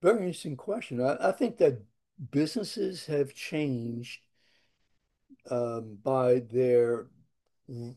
Very interesting question. I think that businesses have changed by their r-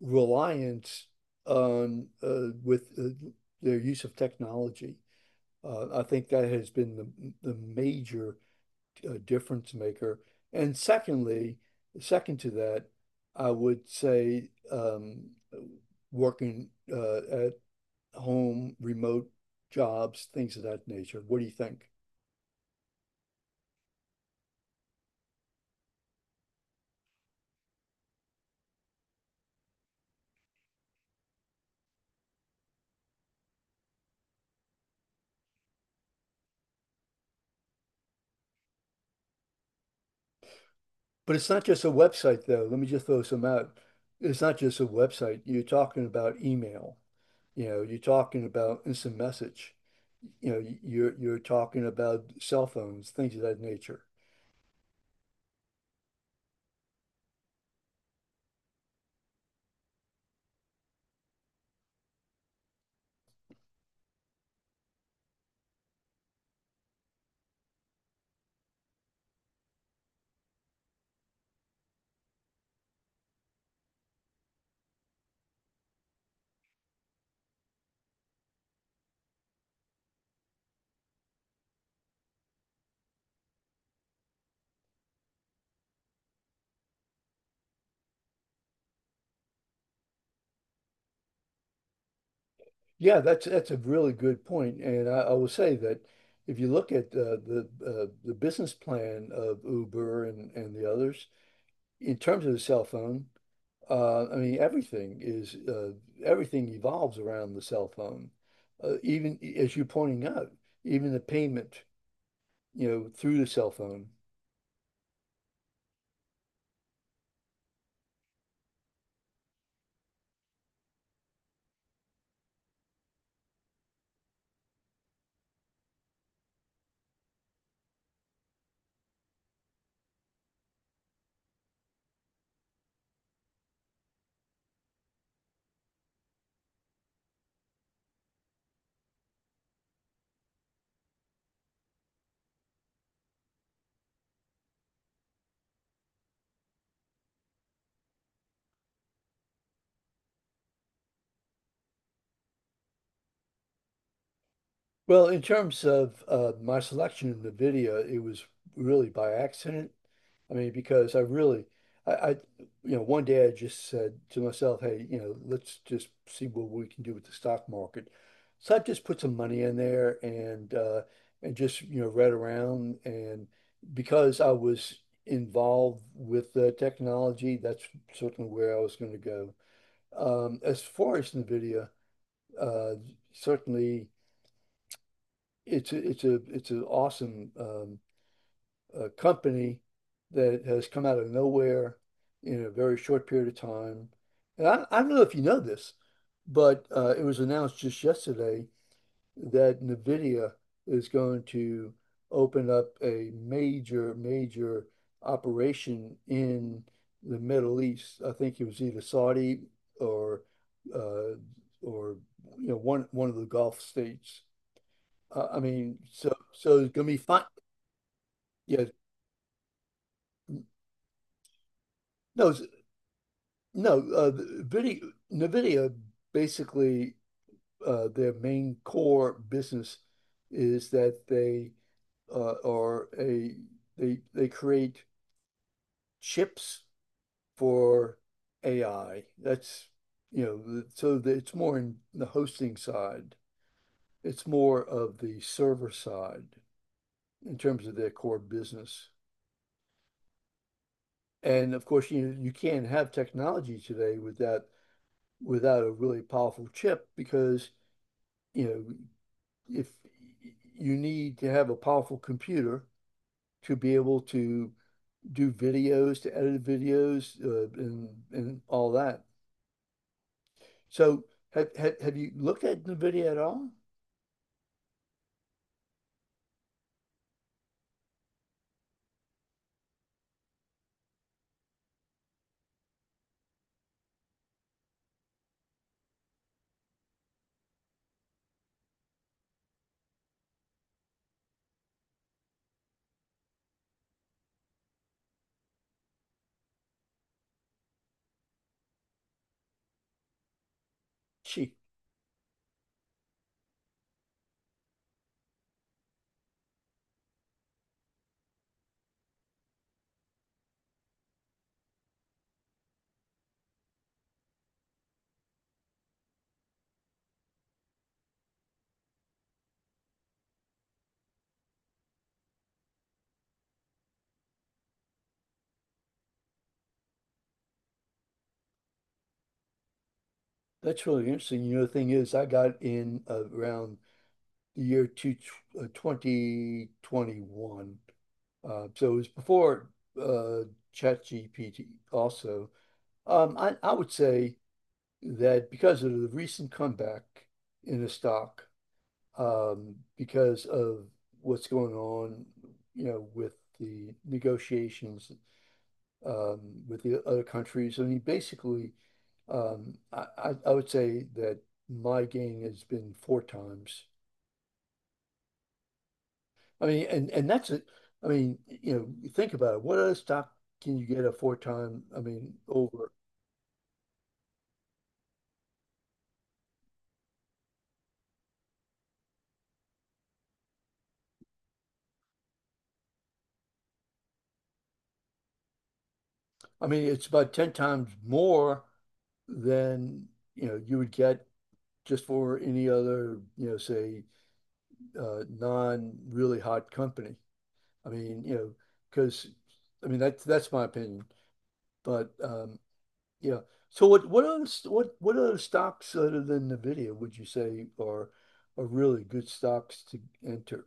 reliance on with their use of technology. I think that has been the major difference maker. And secondly, second to that, I would say working at home, remote jobs, things of that nature. What do you think? But it's not just a website, though. Let me just throw some out. It's not just a website. You're talking about email. You know, you're talking about instant message. You know, you're talking about cell phones, things of that nature. Yeah, that's a really good point, and I will say that if you look at the business plan of Uber and the others in terms of the cell phone. I mean, everything is everything evolves around the cell phone. Even as you're pointing out, even the payment, you know, through the cell phone. Well, in terms of my selection of the video, it was really by accident. I mean, because I really, I, I, you know, one day I just said to myself, hey, you know, let's just see what we can do with the stock market. So I just put some money in there and just you know read around and because I was involved with technology, that's certainly where I was going to go. As far as the video, uh, certainly it's an awesome company that has come out of nowhere in a very short period of time. And I don't know if you know this, but it was announced just yesterday that NVIDIA is going to open up a major, major operation in the Middle East. I think it was either Saudi or uh, or you know one of the Gulf states I mean, so it's gonna be fine. Yeah, no, s- no. NVIDIA basically their main core business is that they are a they create chips for AI. That's you know, the- So that it's more in the hosting side. It's more of the server side in terms of their core business. And of course, you know, you can't have technology today without without a really powerful chip because, you know, if you need to have a powerful computer to be able to do videos, to edit videos, and all that. So have you looked at NVIDIA at all? Gee, that's really interesting. You know, the thing is, I got in around the year 2021. So it was before uh, ChatGPT also. I would say that because of the recent comeback in the stock, because of what's going on, you know, with the negotiations um, with the other countries. I mean, basically, I would say that my gain has been four times. I mean, and that's it. I mean, you know, think about it. What other stock can you get a four time? I mean, over. I mean, it's about ten times more than you know you would get just for any other, you know, say, non really hot company. I mean, you know, because I mean that's my opinion. But yeah. So what other st- what other stocks other than Nvidia would you say are really good stocks to enter?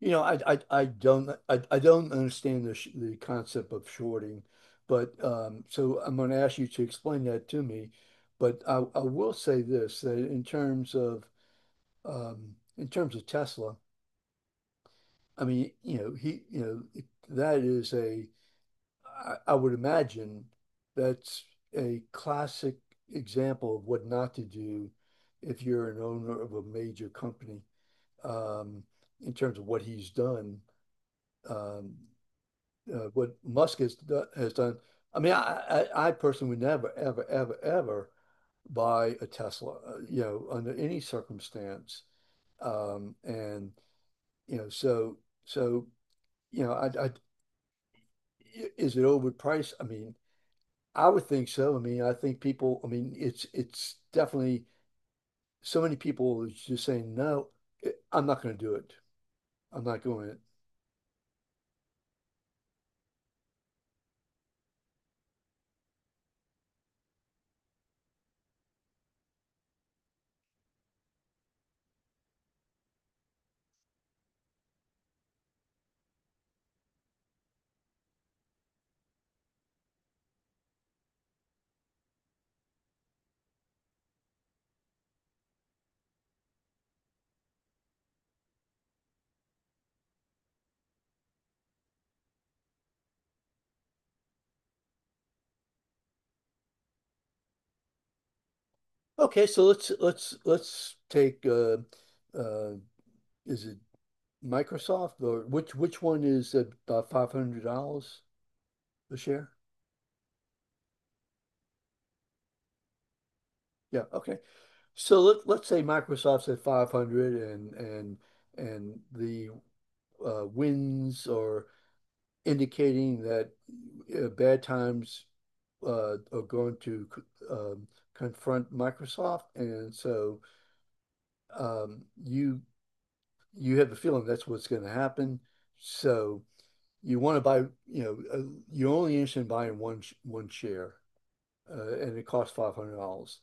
You know, I don't understand the concept of shorting, but so I'm going to ask you to explain that to me. But I will say this, that in terms of in terms of Tesla, I mean, you know, he, you know, it, that is a, I would imagine that's a classic example of what not to do if you're an owner of a major company. Um, in terms of what he's done, um, what Musk has, has done. I mean, I personally would never, ever, ever, ever buy a Tesla, you know, under any circumstance. And You know, so you know, I is it overpriced? I mean, I would think so. I mean, I think people. I mean, it's definitely so many people is just saying no. I'm not going to do it. I'm not going it. Okay, so let's take uh, is it Microsoft or which one is about $500 a share? Yeah, okay. So let's say Microsoft's at 500 and and the Winds or indicating that bad times are going to um, confront Microsoft, and so um, you you have a feeling that's what's going to happen. So you want to buy, you know, you're only interested in buying one share, and it costs $500.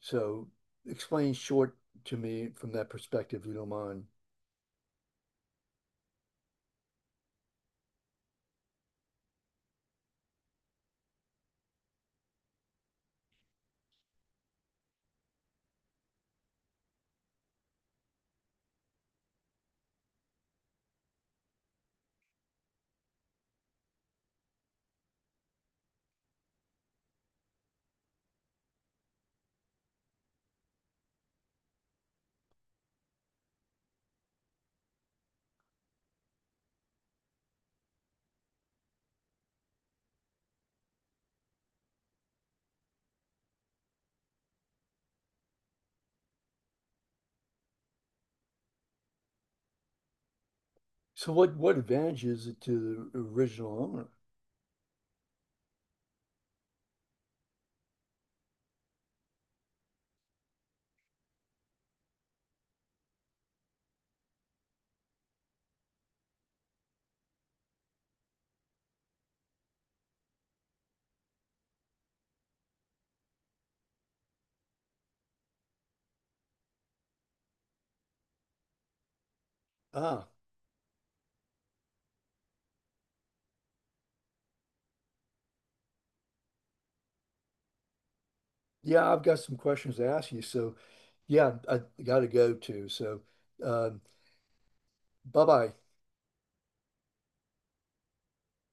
So explain short to me from that perspective, if you don't mind. So what advantage is it to the original owner? Ah, yeah, I've got some questions to ask you. So, yeah, I got to go too. So, um, bye bye.